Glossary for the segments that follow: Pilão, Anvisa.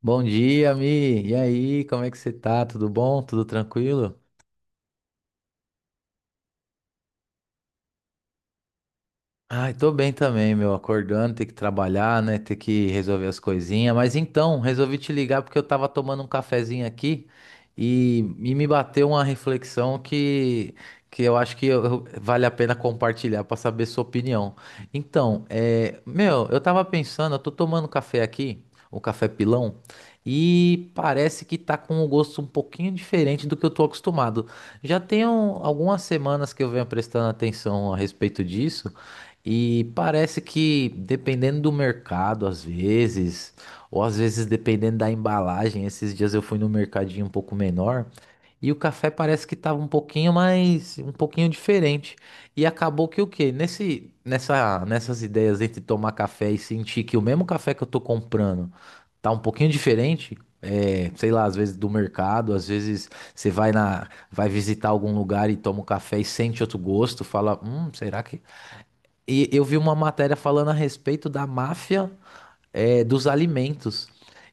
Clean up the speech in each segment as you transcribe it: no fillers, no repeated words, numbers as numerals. Bom dia, Mi. E aí, como é que você tá? Tudo bom? Tudo tranquilo? Ai, tô bem também, meu. Acordando, ter que trabalhar, né? Ter que resolver as coisinhas. Mas então, resolvi te ligar porque eu tava tomando um cafezinho aqui e me bateu uma reflexão que eu acho que vale a pena compartilhar pra saber sua opinião. Então, meu, eu tava pensando, eu tô tomando café aqui, o café pilão, e parece que tá com um gosto um pouquinho diferente do que eu tô acostumado. Já tem algumas semanas que eu venho prestando atenção a respeito disso. E parece que dependendo do mercado, às vezes, ou às vezes dependendo da embalagem, esses dias eu fui no mercadinho um pouco menor e o café parece que tava um pouquinho diferente. E acabou que o quê? Nessas ideias entre tomar café e sentir que o mesmo café que eu tô comprando tá um pouquinho diferente, sei lá, às vezes do mercado, às vezes você vai visitar algum lugar e toma um café e sente outro gosto, fala, será que. E eu vi uma matéria falando a respeito da máfia, dos alimentos.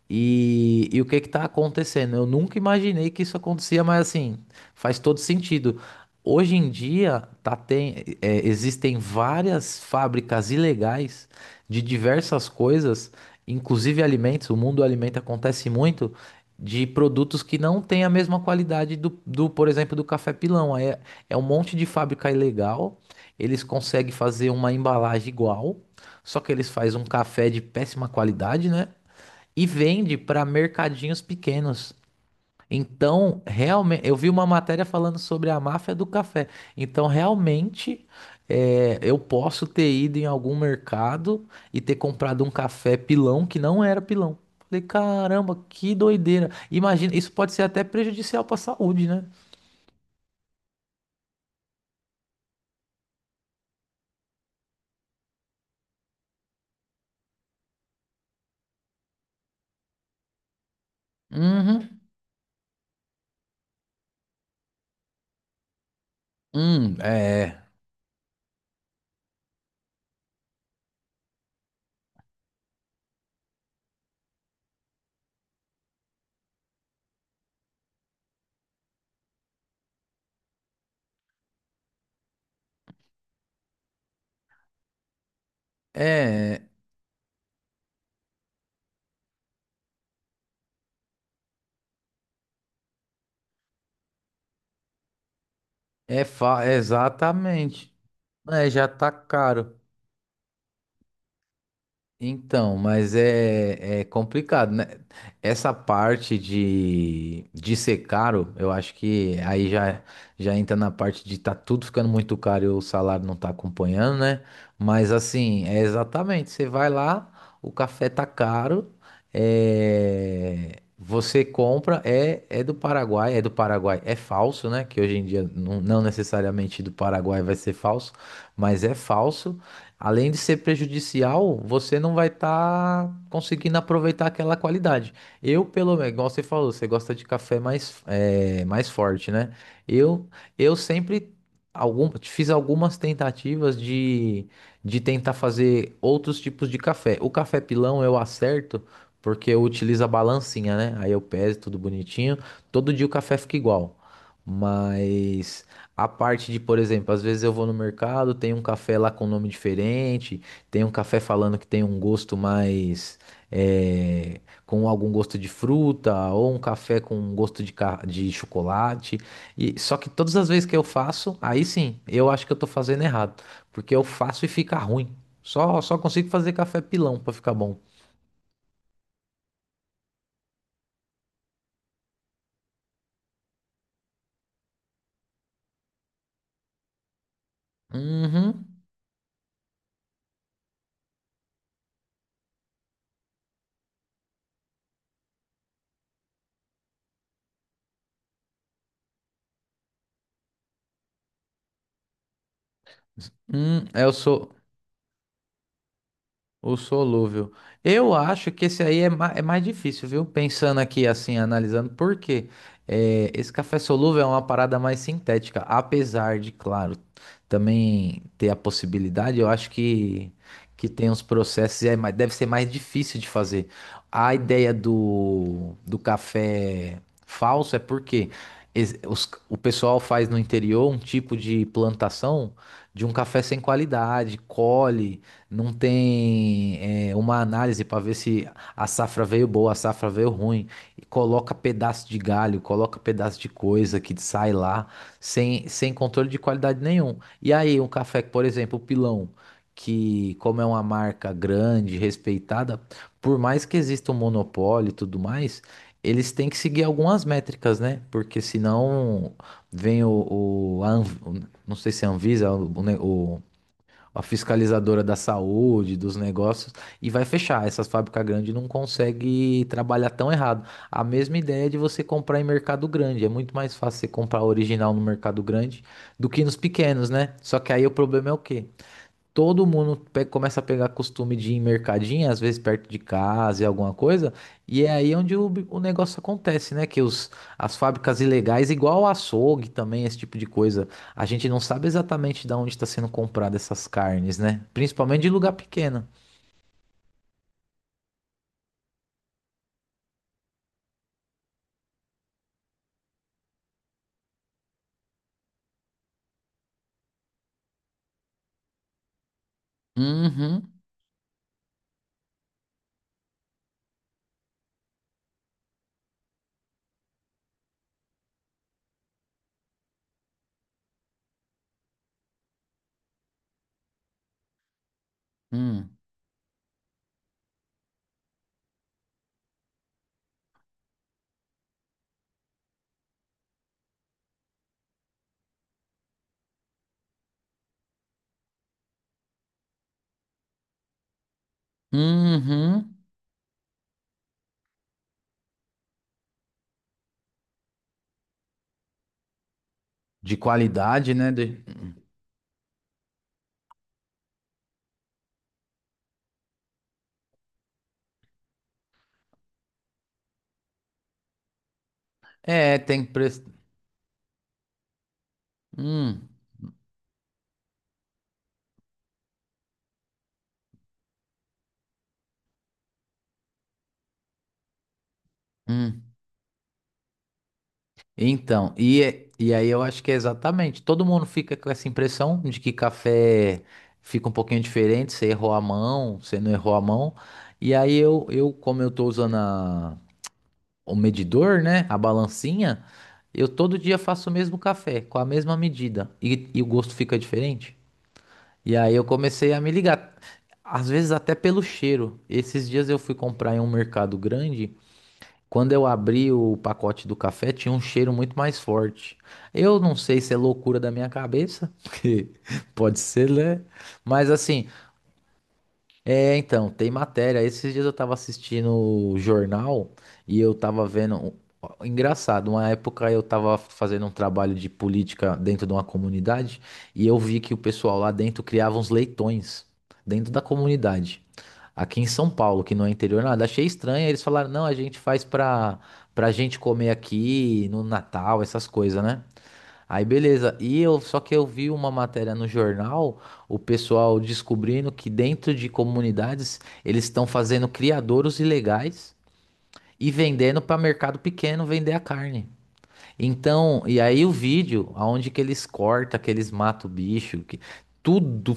E o que está acontecendo? Eu nunca imaginei que isso acontecia, mas assim, faz todo sentido. Hoje em dia, tá, tem, existem várias fábricas ilegais de diversas coisas, inclusive alimentos. O mundo do alimento acontece muito de produtos que não têm a mesma qualidade do, por exemplo, do café pilão. É um monte de fábrica ilegal. Eles conseguem fazer uma embalagem igual, só que eles fazem um café de péssima qualidade, né? E vende para mercadinhos pequenos. Então, realmente, eu vi uma matéria falando sobre a máfia do café. Então, realmente, eu posso ter ido em algum mercado e ter comprado um café pilão que não era pilão. Falei, caramba, que doideira. Imagina, isso pode ser até prejudicial para a saúde, né? Uhum. Hum, é, é, Exatamente. É, já tá caro. Então, mas é complicado, né? Essa parte de ser caro, eu acho que aí já entra na parte de tá tudo ficando muito caro e o salário não tá acompanhando, né? Mas assim, é exatamente, você vai lá, o café tá caro, você compra, é do Paraguai, é falso, né? Que hoje em dia não, não necessariamente do Paraguai vai ser falso, mas é falso. Além de ser prejudicial, você não vai estar conseguindo aproveitar aquela qualidade. Eu, pelo menos, igual você falou, você gosta de café mais forte, né? Eu, eu sempre fiz algumas tentativas de tentar fazer outros tipos de café. O café pilão eu acerto porque eu utilizo a balancinha, né? Aí eu peso tudo bonitinho. Todo dia o café fica igual. Mas a parte de, por exemplo, às vezes eu vou no mercado, tem um café lá com nome diferente, tem um café falando que tem um gosto mais, eh, com algum gosto de fruta, ou um café com um gosto de chocolate. E só que todas as vezes que eu faço, aí sim, eu acho que eu tô fazendo errado, porque eu faço e fica ruim. Só consigo fazer café pilão pra ficar bom. Uhum. Eu sou o solúvel. Eu acho que esse aí é mais difícil, viu? Pensando aqui, assim, analisando, por quê? É, esse café solúvel é uma parada mais sintética, apesar de, claro, também ter a possibilidade, eu acho que tem uns processos e deve ser mais difícil de fazer. A ideia do café falso é porque o pessoal faz no interior um tipo de plantação de um café sem qualidade, colhe, não tem, uma análise para ver se a safra veio boa, a safra veio ruim, e coloca pedaço de galho, coloca pedaço de coisa que sai lá, sem controle de qualidade nenhum. E aí, um café, que, por exemplo, o Pilão, que como é uma marca grande, respeitada, por mais que exista um monopólio e tudo mais, eles têm que seguir algumas métricas, né? Porque senão vem o, a Anv- o- não sei se é a Anvisa, o, a fiscalizadora da saúde, dos negócios, e vai fechar. Essas fábricas grandes não conseguem trabalhar tão errado. A mesma ideia de você comprar em mercado grande. É muito mais fácil você comprar original no mercado grande do que nos pequenos, né? Só que aí o problema é o quê? Todo mundo começa a pegar costume de ir em mercadinho, às vezes perto de casa e alguma coisa, e é aí onde o negócio acontece, né? Que as fábricas ilegais, igual o açougue também, esse tipo de coisa, a gente não sabe exatamente de onde está sendo comprada essas carnes, né? Principalmente de lugar pequeno. Uhum. Hum. Uhum. De qualidade, né? De... É, tem preço. Hum. Hum. Então, e aí eu acho que é exatamente. Todo mundo fica com essa impressão de que café fica um pouquinho diferente, você errou a mão, você não errou a mão. E aí eu como eu tô usando o medidor, né, a balancinha, eu todo dia faço o mesmo café, com a mesma medida, e o gosto fica diferente. E aí eu comecei a me ligar. Às vezes até pelo cheiro. Esses dias eu fui comprar em um mercado grande. Quando eu abri o pacote do café, tinha um cheiro muito mais forte. Eu não sei se é loucura da minha cabeça, porque pode ser, né? Mas assim, então, tem matéria. Esses dias eu tava assistindo o jornal e eu tava vendo. Ó, engraçado, uma época eu tava fazendo um trabalho de política dentro de uma comunidade e eu vi que o pessoal lá dentro criava uns leitões dentro da comunidade. Aqui em São Paulo, que não é interior nada, achei estranho. Eles falaram: não, a gente faz pra gente comer aqui no Natal, essas coisas, né? Aí beleza. E eu Só que eu vi uma matéria no jornal, o pessoal descobrindo que dentro de comunidades eles estão fazendo criadouros ilegais e vendendo para mercado pequeno vender a carne. Então, e aí o vídeo, aonde que eles cortam, que eles matam o bicho, que tudo,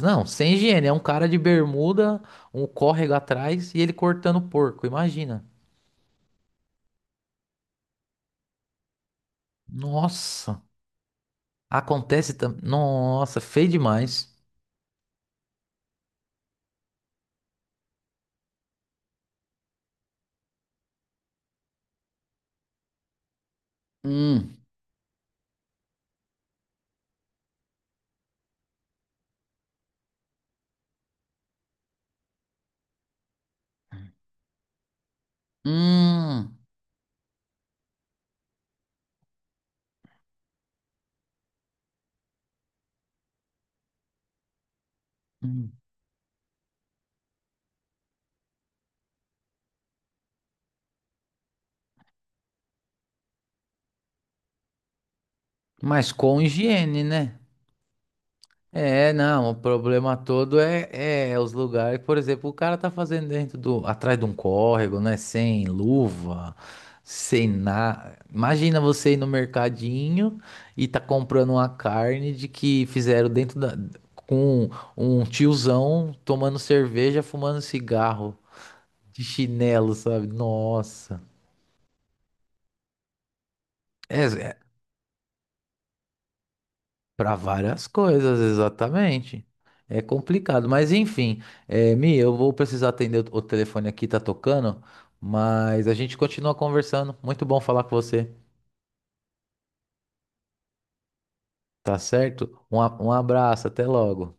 não, sem higiene, é um cara de bermuda, um córrego atrás e ele cortando porco, imagina. Nossa, acontece também. Nossa, feio demais. Hum, hum, hum. Mas com higiene, né? É, não, o problema todo é os lugares. Por exemplo, o cara tá fazendo atrás de um córrego, né? Sem luva, sem nada. Imagina você ir no mercadinho e tá comprando uma carne de que fizeram com um tiozão tomando cerveja, fumando cigarro de chinelo, sabe? Nossa. É, é, Para várias coisas, exatamente. É complicado, mas enfim, Mi, eu vou precisar atender o telefone aqui, tá tocando, mas a gente continua conversando. Muito bom falar com você, tá certo? Um abraço, até logo.